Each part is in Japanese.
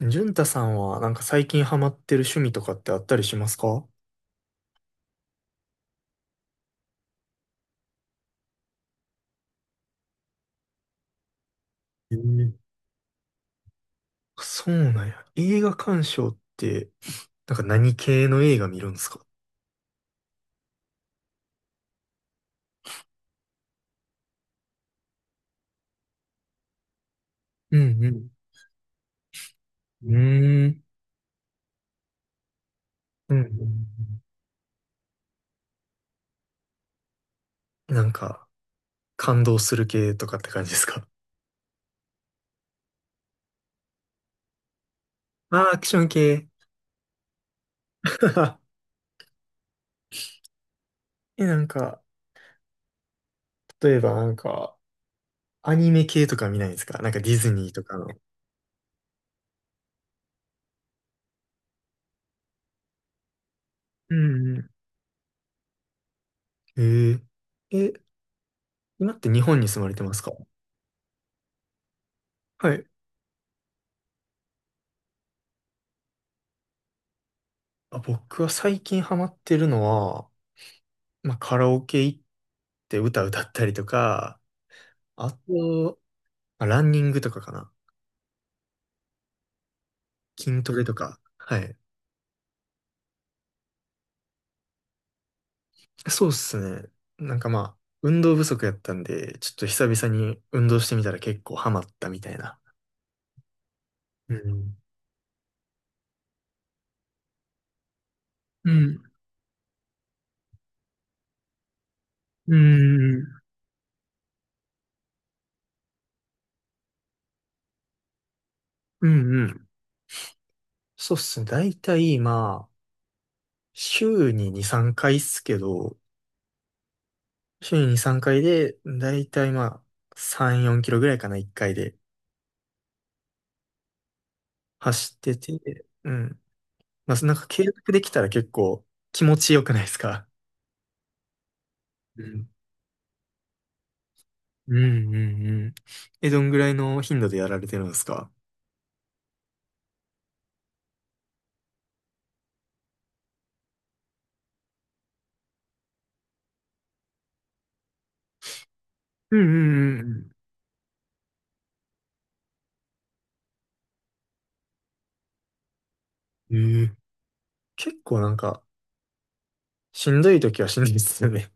潤太さんはなんか最近ハマってる趣味とかってあったりしますか？えーそうなんや。映画鑑賞って、なんか何系の映画見るんですか？うんうん。うーん。うんうん。なんか感動する系とかって感じですか？ああー、アクション系。え、なんか、例えばなんか、アニメ系とか見ないですか？なんかディズニーとかの。うんうん。ええ、え、今って日本に住まれてますか？はい。あ、僕は最近ハマってるのは、まあ、カラオケ行って歌歌ったりとか、あと、まあ、ランニングとかかな。筋トレとか。はい。そうっすね。なんかまあ、運動不足やったんで、ちょっと久々に運動してみたら結構ハマったみたいな。うん。うん。うん。うん。うん。そうっすね。だいたいまあ、週に2、3回っすけど、週に2、3回で、だいたいまあ、3、4キロぐらいかな、1回で走ってて、うん。まあ、なんか継続できたら結構気持ちよくないですか？うん、うん、うんうん。え、どんぐらいの頻度でやられてるんですか？うんうんうんうん。ええ、結構なんか、しんどい時はしんどいですよね。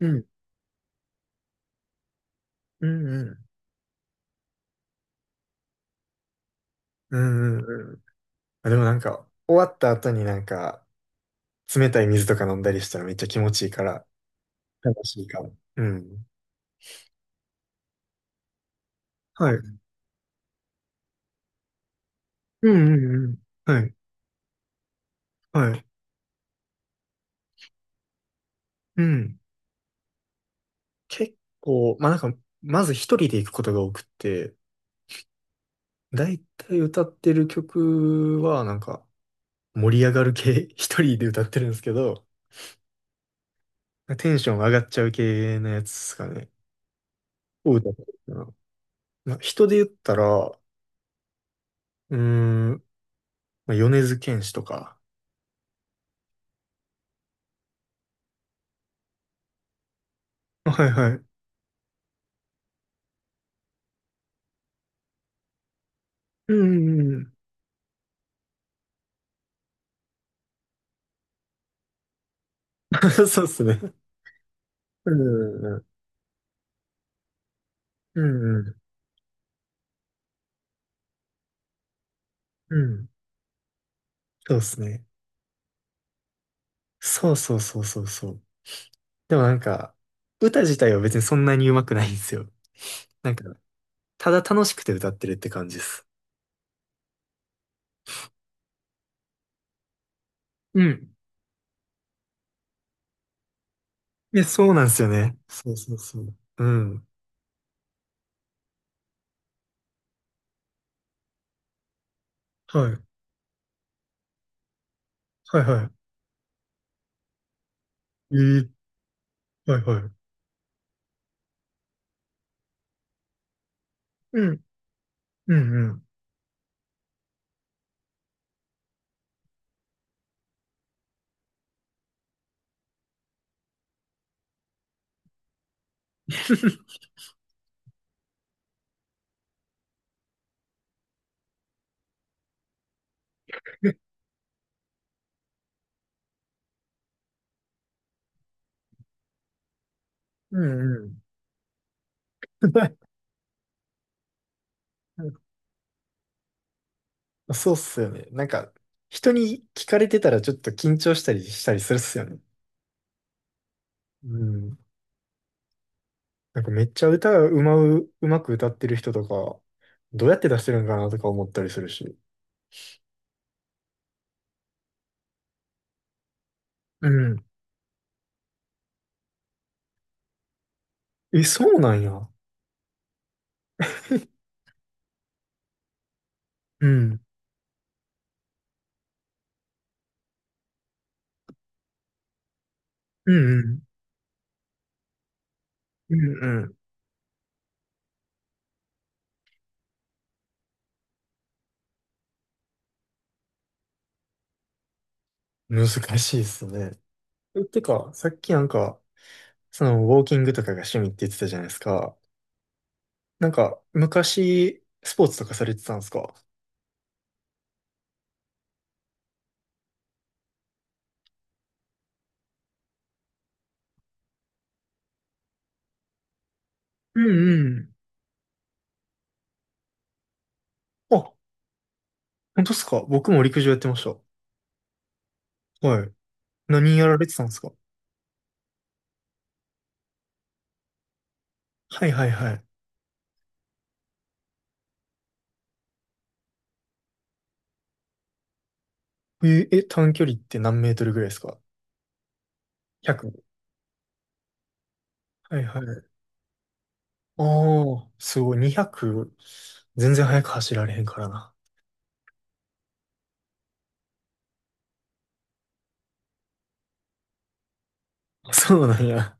うん、うんうん。うんうんうん。あ、でもなんか、終わった後になんか、冷たい水とか飲んだりしたらめっちゃ気持ちいいから、楽しいかも。うん。はい。うんうんうん。はい。はい。うん。結構、まあなんか、まず一人で行くことが多くって、だいたい歌ってる曲は、なんか、盛り上がる系、一人で歌ってるんですけど、テンション上がっちゃう系のやつですかね。を歌ってるかな。まあ、人で言ったら、うーん、まあ、米津玄師とか。はいはい。うんうんうん。そうっすね。うんうんうん。うんうん。うん。そうっすね。そうそうそうそうそう。でもなんか、歌自体は別にそんなに上手くないんですよ。なんか、ただ楽しくて歌ってるって感じです。うん、いや、そうなんですよね。そうそうそう。うん。はい。はいはい。えー、はいはい。うん。うんうん。うんうん。そうっすよね。なんか、人に聞かれてたらちょっと緊張したりしたりするっすよね。うん。なんかめっちゃ歌がうまく歌ってる人とか、どうやって出してるんかなとか思ったりするし。うん。え、そうなんや。うん。うんうん。うんうん。難しいっすね。えてか、さっきなんか、その、ウォーキングとかが趣味って言ってたじゃないですか。なんか、昔、スポーツとかされてたんですか？うんうん。あ、本当ですか？僕も陸上やってました。はい。何やられてたんですか？はいはいはい。え、え、短距離って何メートルぐらいですか？ 100。はいはい。ああ、すごい。200、全然速く走られへんからな。そうなんや。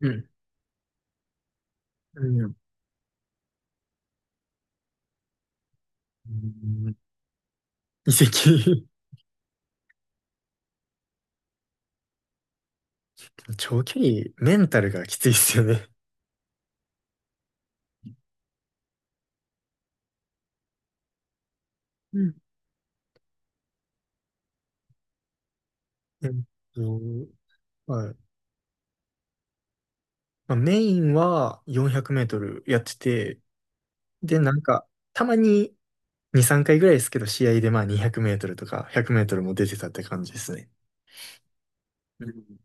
うん。うん。うん、移籍。長距離、メンタルがきついっすよね。うん。うんと。はい。まあ、メインは400メートルやってて、で、なんか、たまに2、3回ぐらいですけど、試合でまあ200メートルとか100メートルも出てたって感じですね。うん、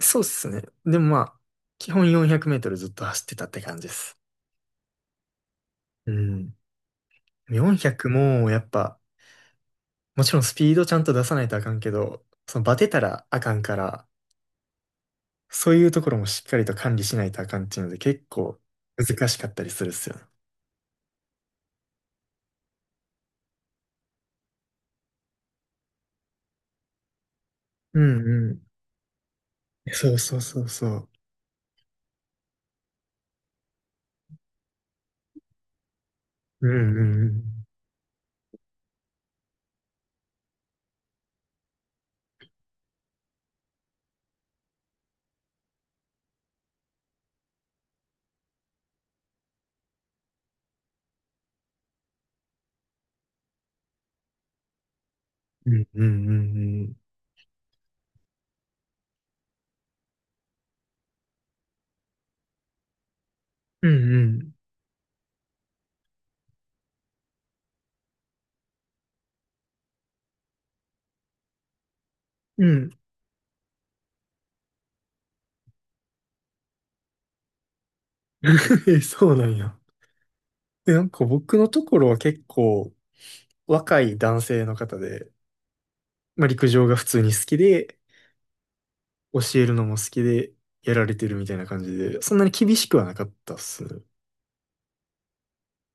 そうっすね。でもまあ、基本400メートルずっと走ってたって感じです。うん。400もやっぱ、もちろんスピードちゃんと出さないとあかんけど、そのバテたらあかんから、そういうところもしっかりと管理しないとあかんっていうので結構難しかったりするっすよね。うんうん。そうそうそうそう。うんうんうん。うんうんうんうん。うんうんうん。そうなんや。で、なんか僕のところは結構若い男性の方で、まあ陸上が普通に好きで、教えるのも好きで、やられてるみたいな感じで、そんなに厳しくはなかったっすね。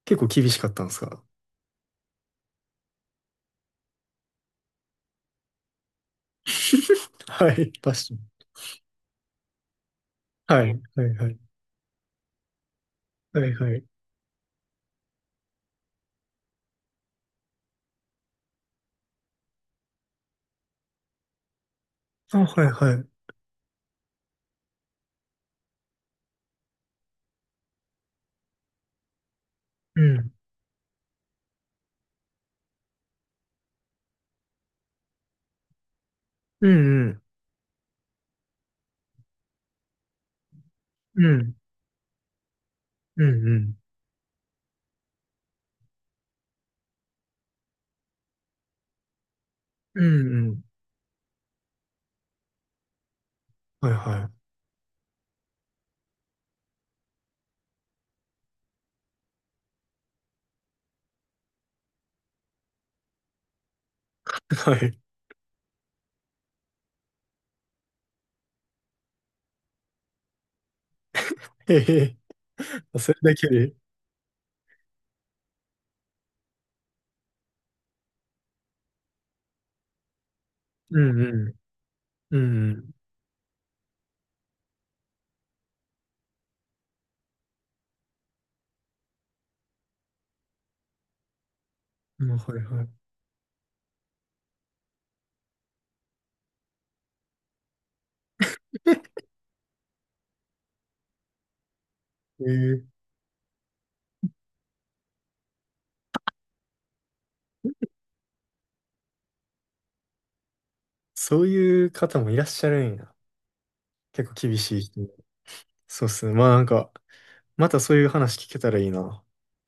結構厳しかったんですか？ はい、確かに。はい、はい、はい。はい、はい。あ、はい、はい。うん。うん、うん。うん、うん、うん。うん、うん。はい、はい。はい。へへ。それだけで。うん、うん。うん。まあ、はいはい。えー、そういう方もいらっしゃるんや。結構厳しい人。そうっすね。まあなんか、またそういう話聞けたらいいな。